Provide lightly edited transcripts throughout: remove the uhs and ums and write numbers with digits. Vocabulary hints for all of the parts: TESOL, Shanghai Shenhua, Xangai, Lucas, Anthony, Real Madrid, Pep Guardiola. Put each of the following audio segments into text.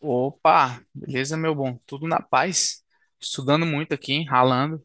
Opa, beleza, meu bom? Tudo na paz? Estudando muito aqui, ralando.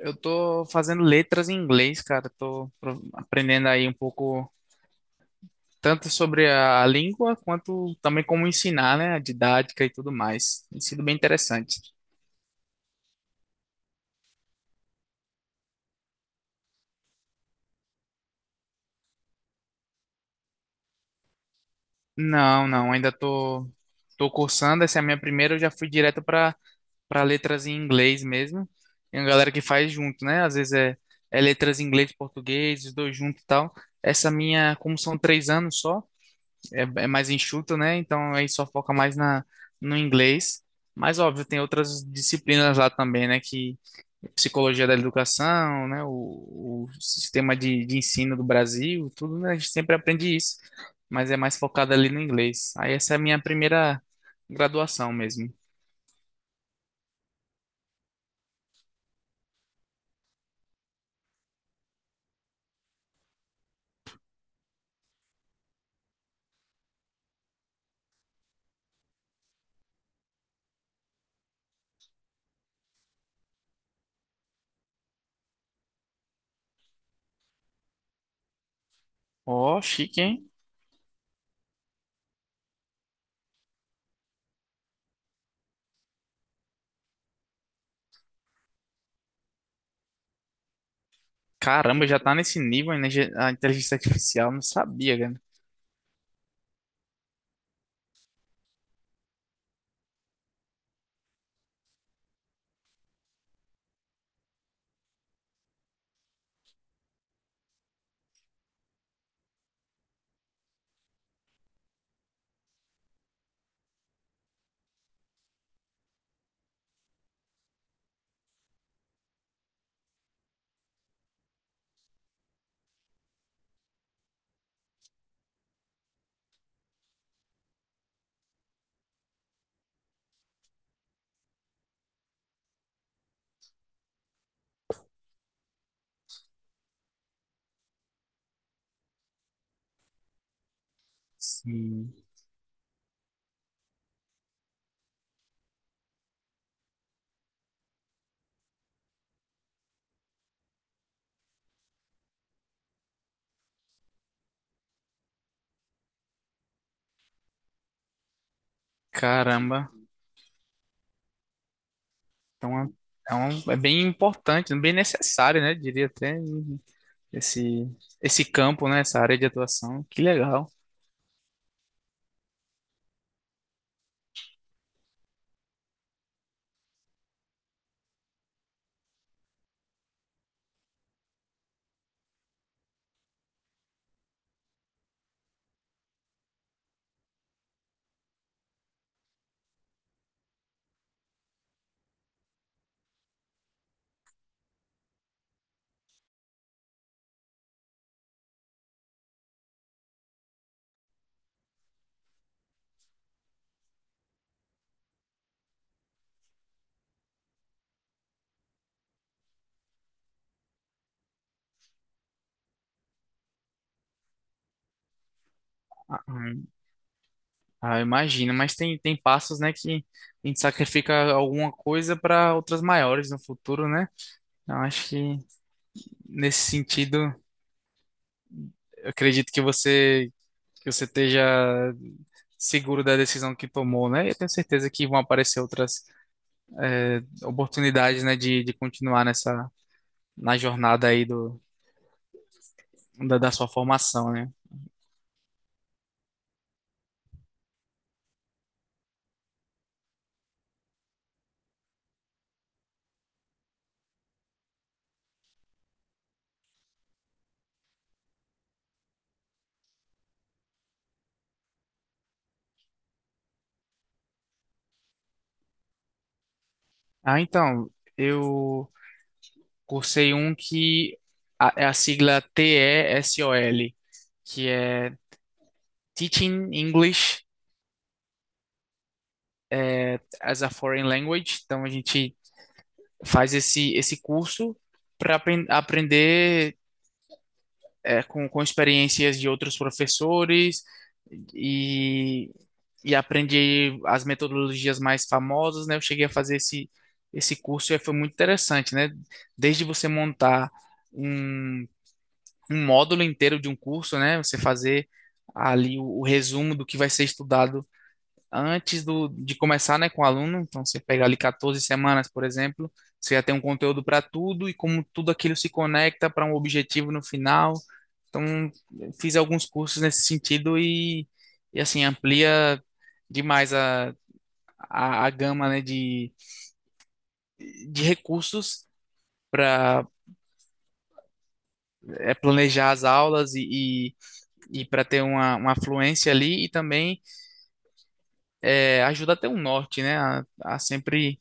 Eu tô fazendo letras em inglês, cara. Aprendendo aí um pouco, tanto sobre a língua, quanto também como ensinar, né? A didática e tudo mais. Tem sido bem interessante. Não, não, ainda tô, tô cursando. Essa é a minha primeira, eu já fui direto para letras em inglês mesmo. Tem uma galera que faz junto, né? Às vezes é letras em inglês e português, os dois juntos e tal. Essa minha, como são três anos só. É mais enxuto, né? Então aí só foca mais no inglês. Mas óbvio, tem outras disciplinas lá também, né? Que psicologia da educação, né? O sistema de ensino do Brasil, tudo, né? A gente sempre aprende isso, mas é mais focado ali no inglês. Aí essa é a minha primeira graduação mesmo. Ó, chique, hein? Caramba, já tá nesse nível, né? A inteligência artificial, não sabia, cara. Sim. Caramba. Então é, um, É bem importante, bem necessário, né? Diria até esse, esse campo, né? Essa área de atuação. Que legal. Ah, hum, Imagino, mas tem, tem passos, né, que a gente sacrifica alguma coisa para outras maiores no futuro, né? Eu acho que nesse sentido, eu acredito que você esteja seguro da decisão que tomou, né? E eu tenho certeza que vão aparecer outras eh, oportunidades, né, de continuar nessa na jornada aí do da sua formação, né? Ah, então, eu cursei um que é a sigla TESOL que é Teaching English as a Foreign Language. Então, a gente faz esse curso para aprender com experiências de outros professores e, e aprendi as metodologias mais famosas, né? Eu cheguei a fazer esse curso e foi muito interessante, né? Desde você montar um, um módulo inteiro de um curso, né? Você fazer ali o resumo do que vai ser estudado antes do, de começar, né, com o aluno. Então, você pegar ali 14 semanas, por exemplo, você já tem um conteúdo para tudo e como tudo aquilo se conecta para um objetivo no final. Então, fiz alguns cursos nesse sentido e assim, amplia demais a gama, né, de recursos para planejar as aulas e para ter uma fluência ali e também ajuda a ter um norte, né, a sempre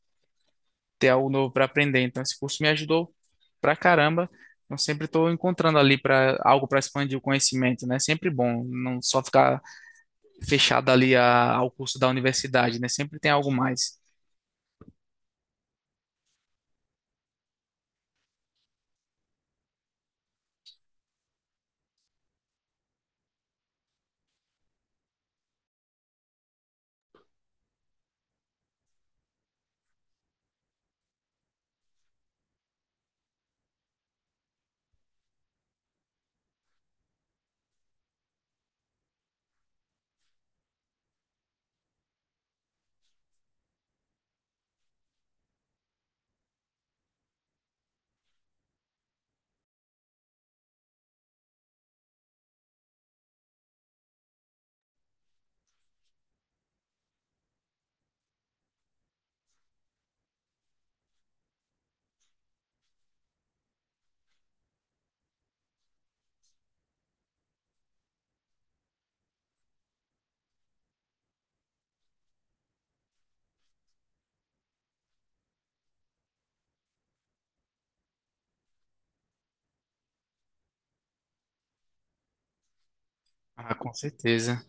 ter algo novo para aprender. Então, esse curso me ajudou pra caramba. Eu sempre estou encontrando ali para algo para expandir o conhecimento, né? Sempre bom, não só ficar fechado ali ao curso da universidade, né? Sempre tem algo mais. Ah, com certeza.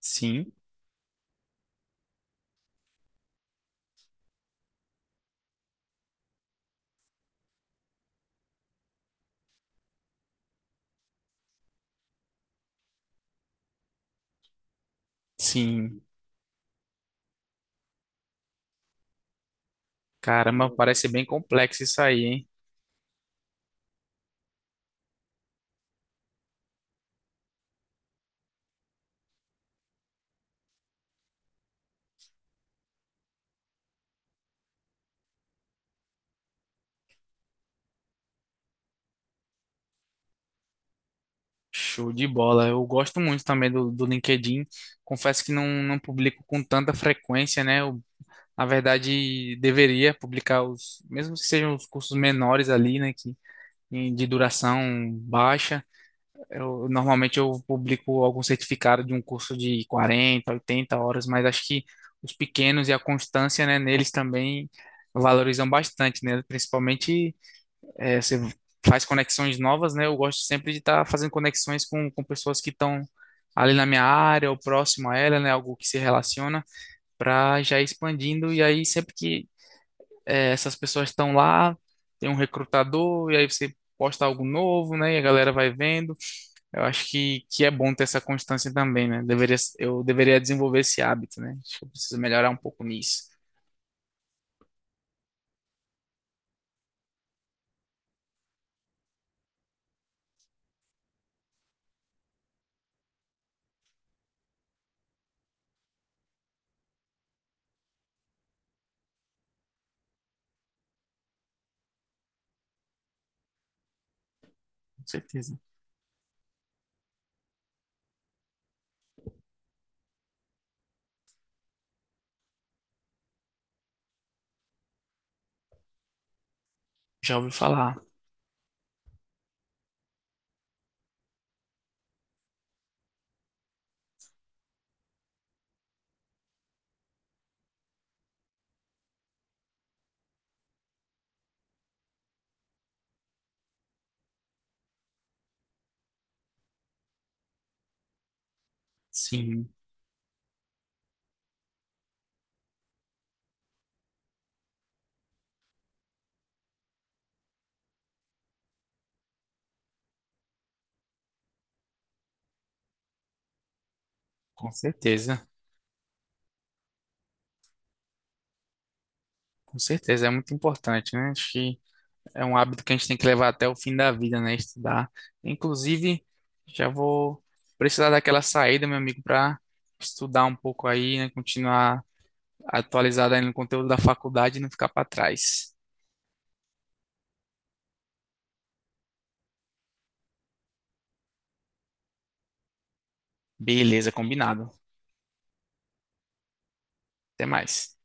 Sim, sim. Caramba, parece bem complexo isso aí, hein? Show de bola. Eu gosto muito também do LinkedIn. Confesso que não, não publico com tanta frequência, né? Eu, na verdade, deveria publicar os, mesmo que sejam os cursos menores ali, né? De duração baixa. Eu, normalmente eu publico algum certificado de um curso de 40, 80 horas, mas acho que os pequenos e a constância, né, neles também valorizam bastante, né? Principalmente você faz conexões novas, né? Eu gosto sempre de estar fazendo conexões com pessoas que estão ali na minha área ou próximo a ela, né? Algo que se relaciona para já ir expandindo e aí sempre que essas pessoas estão lá, tem um recrutador, e aí você posta algo novo, né? E a galera vai vendo. Eu acho que é bom ter essa constância também, né? Eu deveria desenvolver esse hábito, né? Acho que eu preciso melhorar um pouco nisso, com certeza. Já ouvi falar. Sim, com certeza. Com certeza, é muito importante, né? Acho que é um hábito que a gente tem que levar até o fim da vida, né? Estudar. Inclusive, já vou precisar daquela saída, meu amigo, para estudar um pouco aí, né? Continuar atualizado aí no conteúdo da faculdade e não ficar para trás. Beleza, combinado. Até mais.